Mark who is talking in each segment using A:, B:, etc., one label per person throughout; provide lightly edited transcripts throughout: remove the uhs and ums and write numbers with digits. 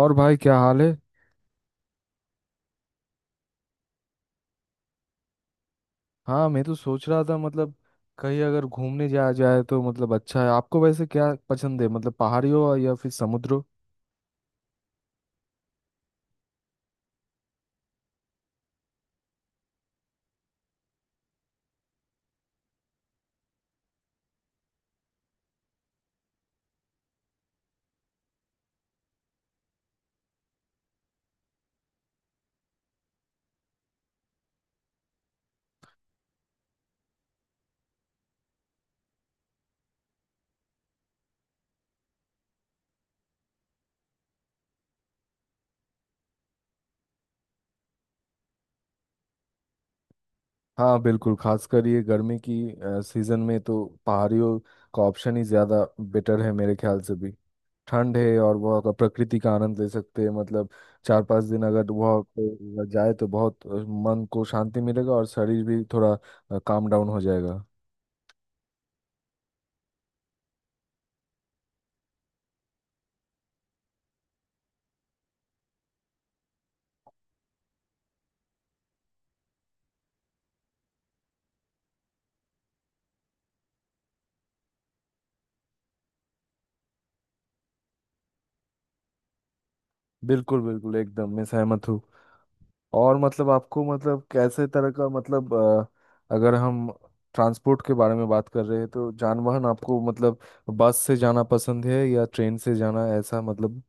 A: और भाई क्या हाल है। हाँ, मैं तो सोच रहा था मतलब कहीं अगर घूमने जाया जाए तो मतलब अच्छा है। आपको वैसे क्या पसंद है मतलब पहाड़ी हो या फिर समुद्र हो। हाँ बिल्कुल, खासकर ये गर्मी की सीजन में तो पहाड़ियों का ऑप्शन ही ज़्यादा बेटर है मेरे ख्याल से भी। ठंड है और वह का प्रकृति का आनंद ले सकते हैं मतलब चार पांच दिन अगर वह पे जाए तो बहुत मन को शांति मिलेगा और शरीर भी थोड़ा काम डाउन हो जाएगा। बिल्कुल बिल्कुल, एकदम मैं सहमत हूँ। और मतलब आपको मतलब कैसे तरह का मतलब अगर हम ट्रांसपोर्ट के बारे में बात कर रहे हैं तो जानवाहन आपको मतलब बस से जाना पसंद है या ट्रेन से जाना, ऐसा मतलब।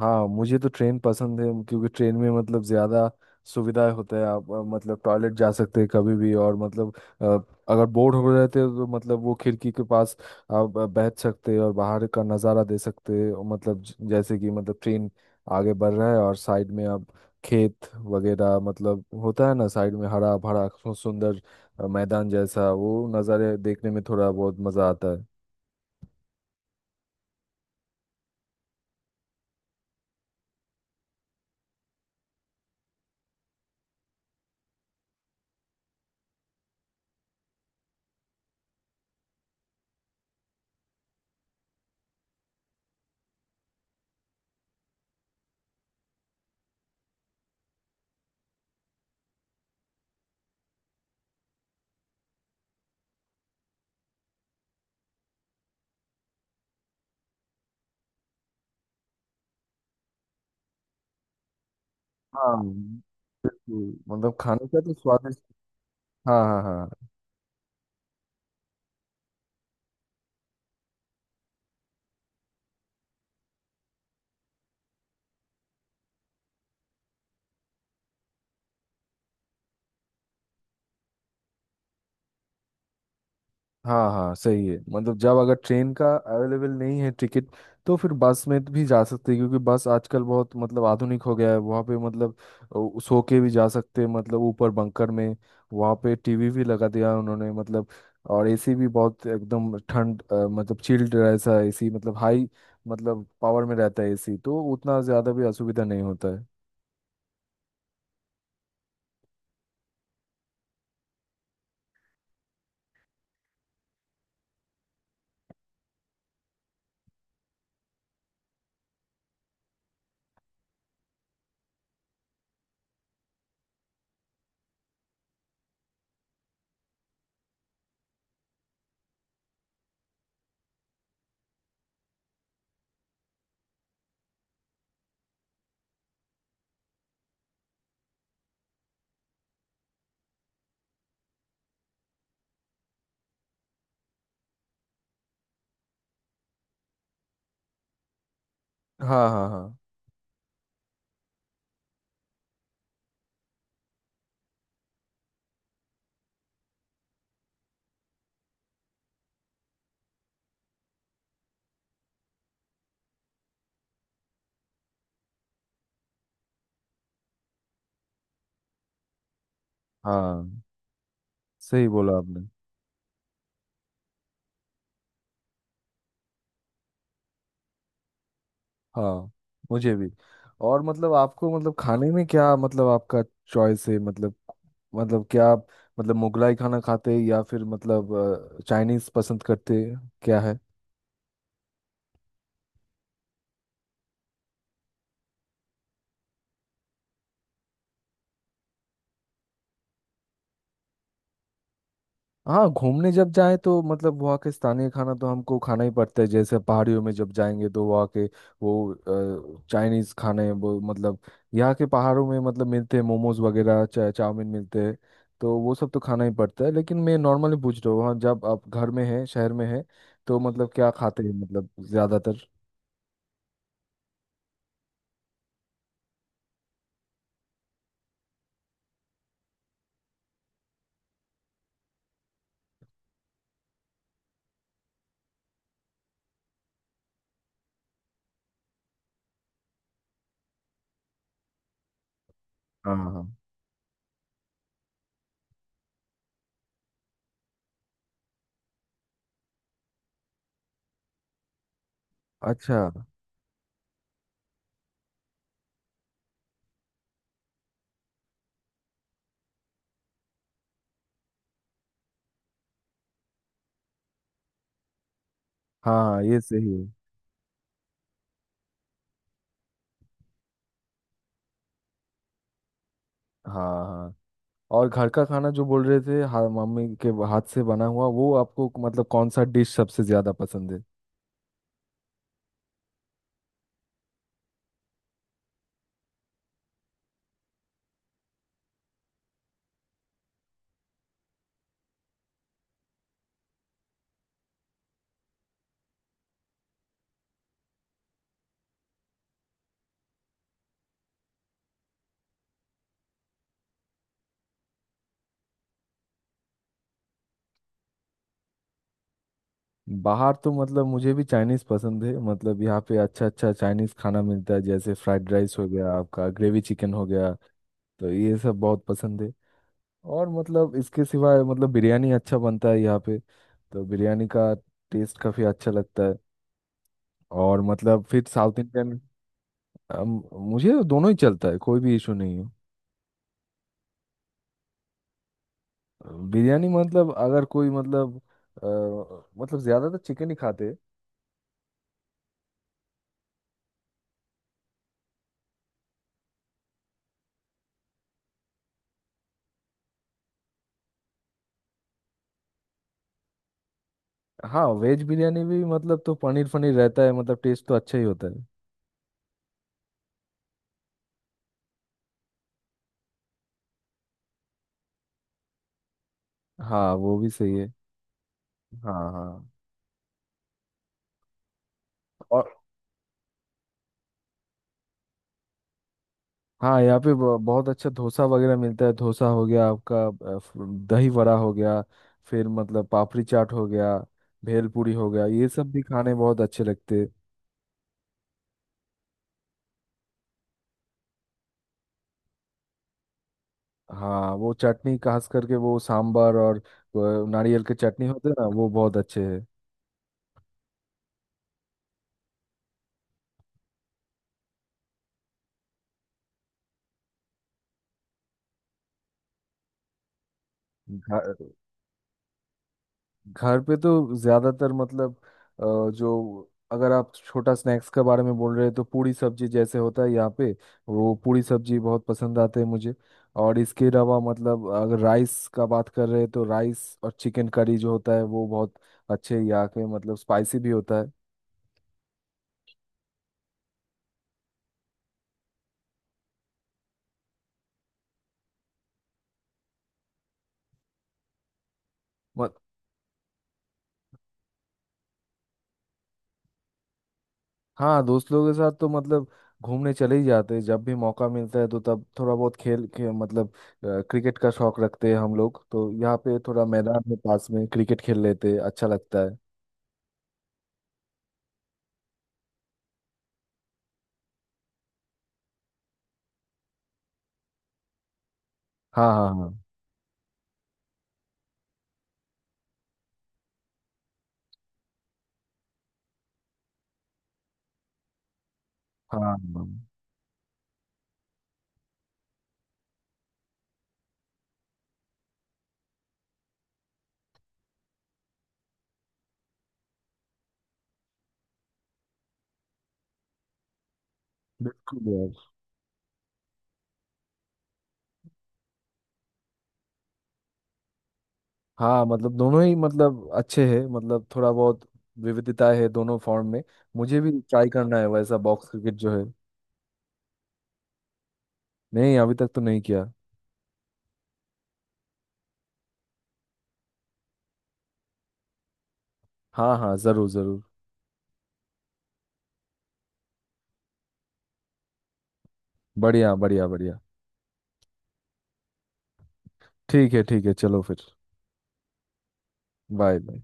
A: हाँ मुझे तो ट्रेन पसंद है क्योंकि ट्रेन में मतलब ज़्यादा सुविधाएं होता है। आप मतलब टॉयलेट जा सकते हैं कभी भी, और मतलब अ, अगर बोर हो रहे थे तो मतलब वो खिड़की के पास आप बैठ सकते हैं और बाहर का नज़ारा दे सकते हैं। और मतलब जैसे कि मतलब ट्रेन आगे बढ़ रहा है और साइड में आप खेत वगैरह मतलब होता है ना साइड में हरा भरा सुंदर मैदान जैसा वो नज़ारे देखने में थोड़ा बहुत मज़ा आता है। हाँ बिल्कुल, मतलब खाने का तो स्वादिष्ट। हाँ हाँ हाँ। हाँ हाँ, सही है। मतलब जब अगर ट्रेन का अवेलेबल नहीं है टिकट तो फिर बस में भी जा सकते हैं क्योंकि बस आजकल बहुत मतलब आधुनिक हो गया है। वहाँ पे मतलब सो के भी जा सकते हैं मतलब ऊपर बंकर में। वहाँ पे टीवी भी लगा दिया है उन्होंने मतलब। और एसी भी बहुत एकदम ठंड मतलब चिल्ड ऐसा एसी, मतलब हाई मतलब पावर में रहता है एसी, तो उतना ज़्यादा भी असुविधा नहीं होता है। हाँ हाँ हाँ। हाँ, सही बोला आपने। हाँ, मुझे भी। और मतलब आपको मतलब खाने में क्या मतलब आपका चॉइस है मतलब, मतलब क्या आप मतलब मुगलाई खाना खाते हैं या फिर मतलब चाइनीज पसंद करते हैं? क्या है। हाँ घूमने जब जाएं तो मतलब वहाँ के स्थानीय खाना तो हमको खाना ही पड़ता है। जैसे पहाड़ियों में जब जाएंगे तो वहाँ के वो चाइनीज खाने वो मतलब यहाँ के पहाड़ों में मतलब मिलते हैं मोमोज वगैरह, चाउमीन मिलते हैं। तो वो सब तो खाना ही पड़ता है। लेकिन मैं नॉर्मली पूछ रहा हूँ वहाँ जब आप घर में हैं, शहर में हैं तो मतलब क्या खाते हैं मतलब ज़्यादातर। हाँ हाँ। अच्छा। हाँ हाँ, ये सही है। हाँ हाँ। और घर का खाना जो बोल रहे थे मम्मी के हाथ से बना हुआ, वो आपको मतलब कौन सा डिश सबसे ज्यादा पसंद है। बाहर तो मतलब मुझे भी चाइनीज पसंद है। मतलब यहाँ पे अच्छा अच्छा चाइनीज खाना मिलता है जैसे फ्राइड राइस हो गया, आपका ग्रेवी चिकन हो गया, तो ये सब बहुत पसंद है। और मतलब इसके सिवाय मतलब बिरयानी अच्छा बनता है यहाँ पे, तो बिरयानी का टेस्ट काफ़ी अच्छा लगता है। और मतलब फिर साउथ इंडियन। मुझे दोनों ही चलता है, कोई भी इशू नहीं है। बिरयानी मतलब अगर कोई मतलब मतलब ज्यादा तो चिकन ही खाते। हाँ, वेज बिरयानी भी मतलब तो पनीर फनीर रहता है, मतलब टेस्ट तो अच्छा ही होता है। हाँ वो भी सही है। हाँ हाँ। और हाँ यहाँ पे बहुत अच्छा डोसा वगैरह मिलता है। डोसा हो गया आपका, अ, फ- दही वड़ा हो गया, फिर मतलब पापड़ी चाट हो गया, भेलपूरी हो गया, ये सब भी खाने बहुत अच्छे लगते हैं। हाँ वो चटनी खास करके वो सांबर और नारियल के चटनी होते हैं ना, वो बहुत अच्छे है। घर पे तो ज्यादातर मतलब अ, जो अगर आप छोटा स्नैक्स के बारे में बोल रहे हैं तो पूरी सब्जी जैसे होता है यहाँ पे, वो पूरी सब्जी बहुत पसंद आते हैं मुझे। और इसके अलावा मतलब अगर राइस का बात कर रहे हैं तो राइस और चिकन करी जो होता है वो बहुत अच्छे यहाँ के, मतलब स्पाइसी भी होता है। हाँ दोस्त लोगों के साथ तो मतलब घूमने चले ही जाते हैं। जब भी मौका मिलता है तो तब थोड़ा बहुत खेल के मतलब क्रिकेट का शौक रखते हैं हम लोग, तो यहाँ पे थोड़ा मैदान है पास में, क्रिकेट खेल लेते हैं, अच्छा लगता है। हाँ हाँ हाँ। हाँ हाँ, बिल्कुल यार। हाँ मतलब दोनों ही मतलब अच्छे हैं, मतलब थोड़ा बहुत विविधता है दोनों फॉर्म में। मुझे भी ट्राई करना है वैसा बॉक्स क्रिकेट जो है। नहीं, अभी तक तो नहीं किया। हाँ हाँ, जरूर जरूर। बढ़िया बढ़िया बढ़िया। ठीक है, ठीक है, चलो फिर। Bye bye.